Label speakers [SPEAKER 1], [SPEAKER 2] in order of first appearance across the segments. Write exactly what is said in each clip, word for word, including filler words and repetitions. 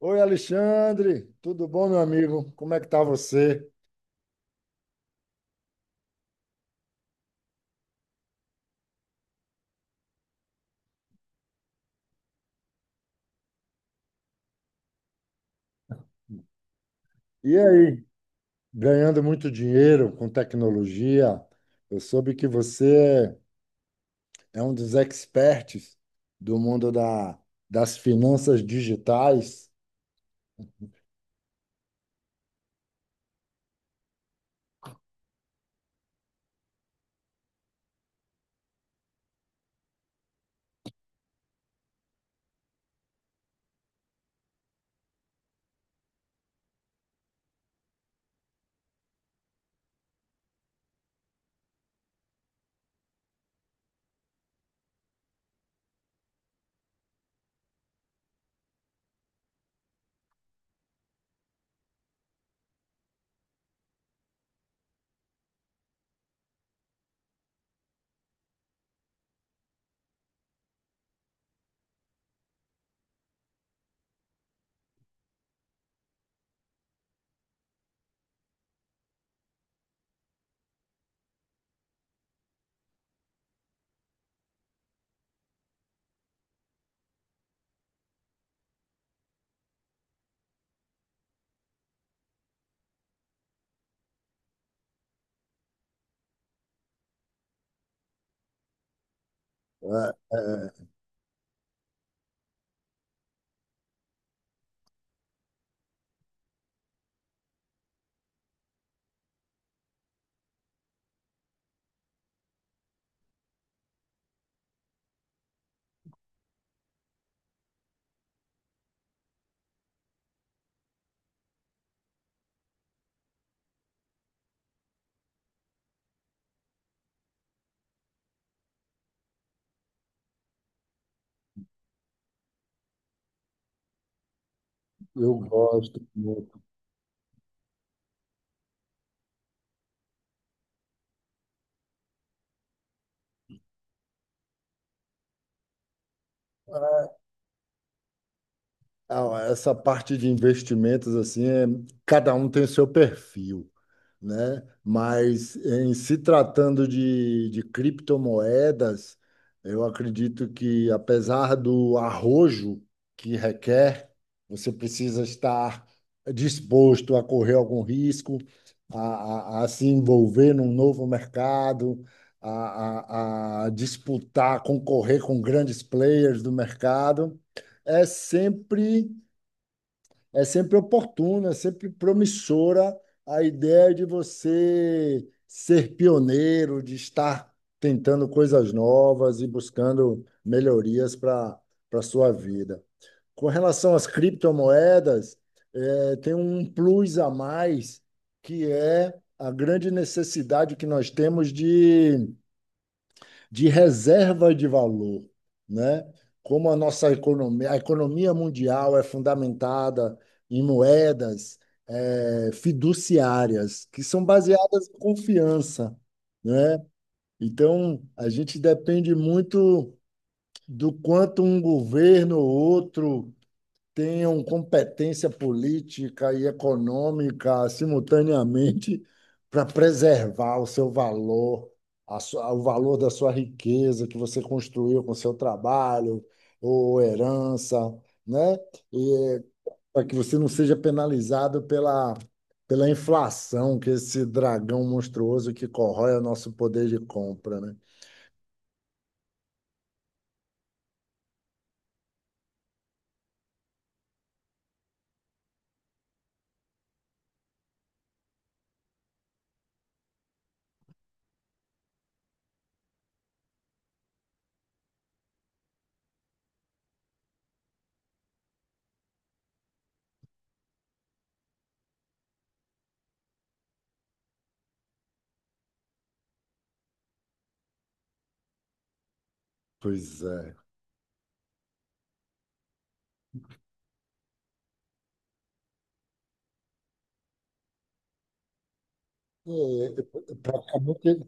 [SPEAKER 1] Oi, Alexandre, tudo bom, meu amigo? Como é que tá você? E aí, ganhando muito dinheiro com tecnologia? Eu soube que você é é um dos experts do mundo da, das finanças digitais. É, é, eu gosto muito. Ah, essa parte de investimentos, assim, é- cada um tem o seu perfil, né? Mas em se tratando de, de criptomoedas, eu acredito que, apesar do arrojo que requer, você precisa estar disposto a correr algum risco, a, a, a se envolver num novo mercado, a, a, a disputar, concorrer com grandes players do mercado. É sempre é sempre oportuna, é sempre promissora a ideia de você ser pioneiro, de estar tentando coisas novas e buscando melhorias para para sua vida. Com relação às criptomoedas, eh, tem um plus a mais, que é a grande necessidade que nós temos de de reserva de valor, né? Como a nossa economia, a economia mundial é fundamentada em moedas eh, fiduciárias, que são baseadas em confiança, né? Então, a gente depende muito do quanto um governo ou outro tenham competência política e econômica simultaneamente para preservar o seu valor, a sua- o valor da sua riqueza que você construiu com seu trabalho ou herança, né? E para que você não seja penalizado pela, pela inflação, que é esse dragão monstruoso que corrói o nosso poder de compra, né? Pois é. É, é, praticamente...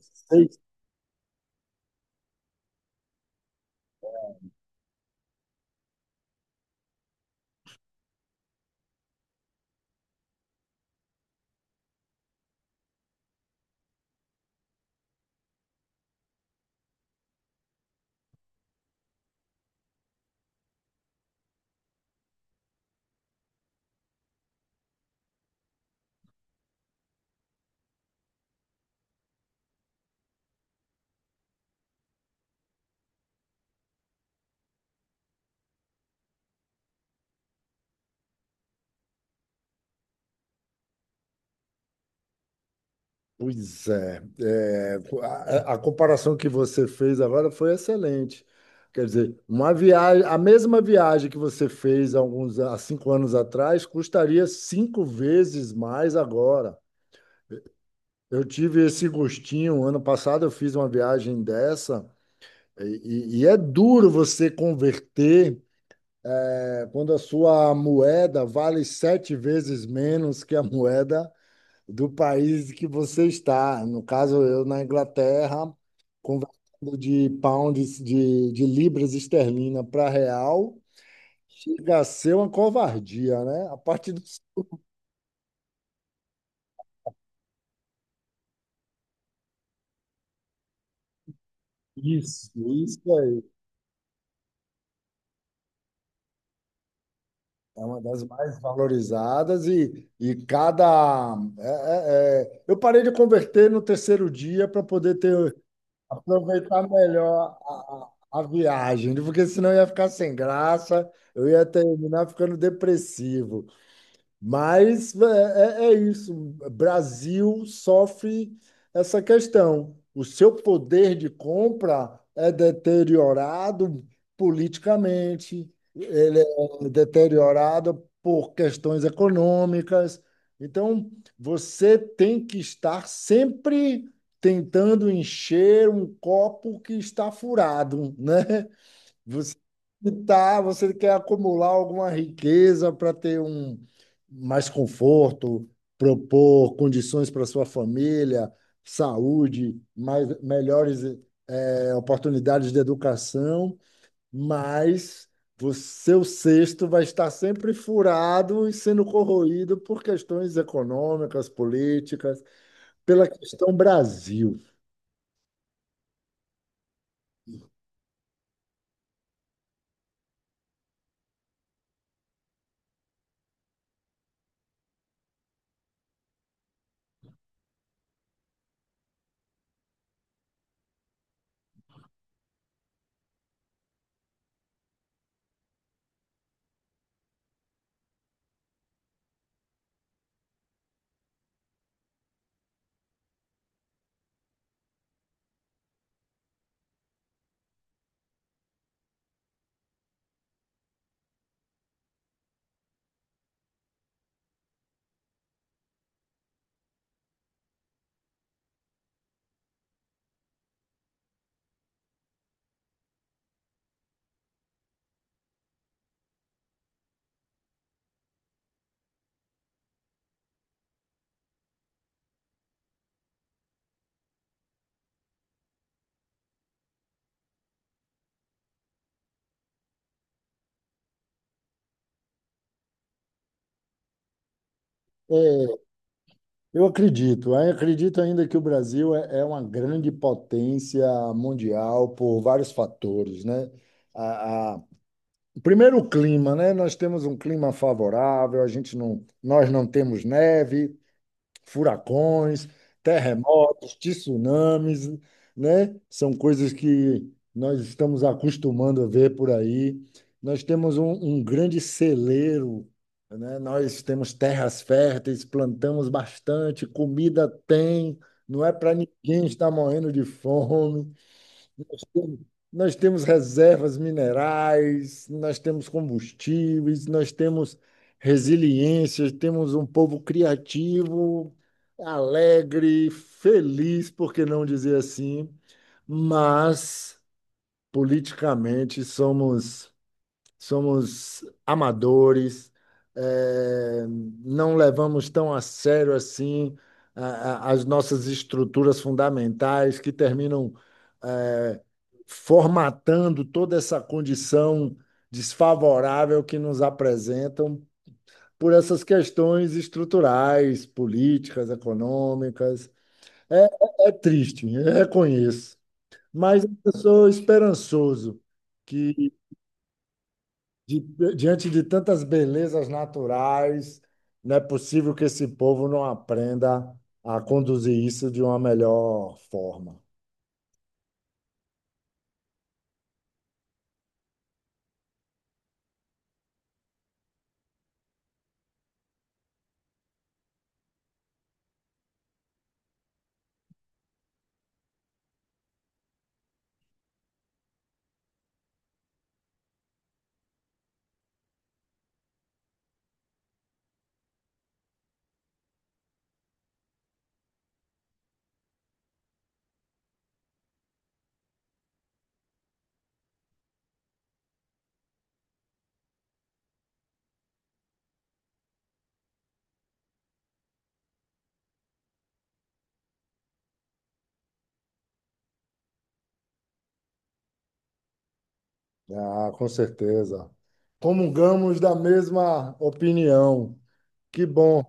[SPEAKER 1] Pois é, é, a, a comparação que você fez agora foi excelente. Quer dizer, uma viagem, a mesma viagem que você fez há alguns, há cinco anos atrás custaria cinco vezes mais agora. Eu tive esse gostinho, ano passado eu fiz uma viagem dessa, e, e e é duro você converter, é, quando a sua moeda vale sete vezes menos que a moeda do país que você está. No caso, eu na Inglaterra, convertendo de pounds, de, de libras esterlina para real, chega a ser uma covardia, né? A partir do... isso, isso aí. É uma das mais valorizadas e, e cada... é- é- é- Eu parei de converter no terceiro dia para poder ter... aproveitar melhor a, a, a viagem, porque senão eu ia ficar sem graça, eu ia terminar ficando depressivo. Mas é, é é isso. Brasil sofre essa questão. O seu poder de compra é deteriorado politicamente, ele é deteriorado por questões econômicas. Então, você tem que estar sempre tentando encher um copo que está furado, né? Você tá, você quer acumular alguma riqueza para ter um... mais conforto, propor condições para sua família, saúde, mais melhores eh, oportunidades de educação, mas o seu cesto vai estar sempre furado e sendo corroído por questões econômicas, políticas, pela questão Brasil. É, eu acredito, eu acredito ainda que o Brasil é é uma grande potência mundial por vários fatores, né? A, a- primeiro, o clima, né? Nós temos um clima favorável, a gente não, nós não temos neve, furacões, terremotos, tsunamis, né? São coisas que nós estamos acostumando a ver por aí. Nós temos um, um grande celeiro, né? Nós temos terras férteis, plantamos bastante, comida tem, não é para ninguém estar morrendo de fome. Nós temos reservas minerais, nós temos combustíveis, nós temos resiliência, temos um povo criativo, alegre, feliz, por que não dizer assim, mas politicamente somos somos amadores, eh, não levamos tão a sério assim a- a- as nossas estruturas fundamentais que terminam eh, formatando toda essa condição desfavorável que nos apresentam por essas questões estruturais, políticas, econômicas. É, é é triste, eu reconheço, mas eu sou esperançoso que... Di- diante de tantas belezas naturais, não é possível que esse povo não aprenda a conduzir isso de uma melhor forma. Né? Ah, com certeza. Comungamos da mesma opinião. Que bom,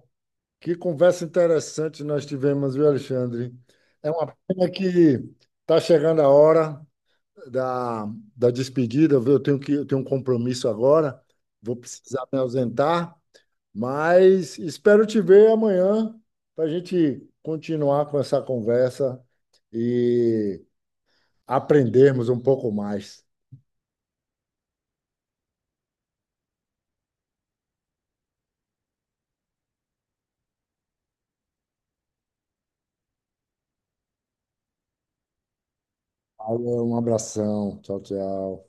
[SPEAKER 1] que conversa interessante nós tivemos, viu, Alexandre? É uma pena que está chegando a hora da, da despedida, viu? Eu tenho que, eu tenho um compromisso agora, vou precisar me ausentar. Mas espero te ver amanhã para a gente continuar com essa conversa e aprendermos um pouco mais. Alô, um abração. Tchau, tchau.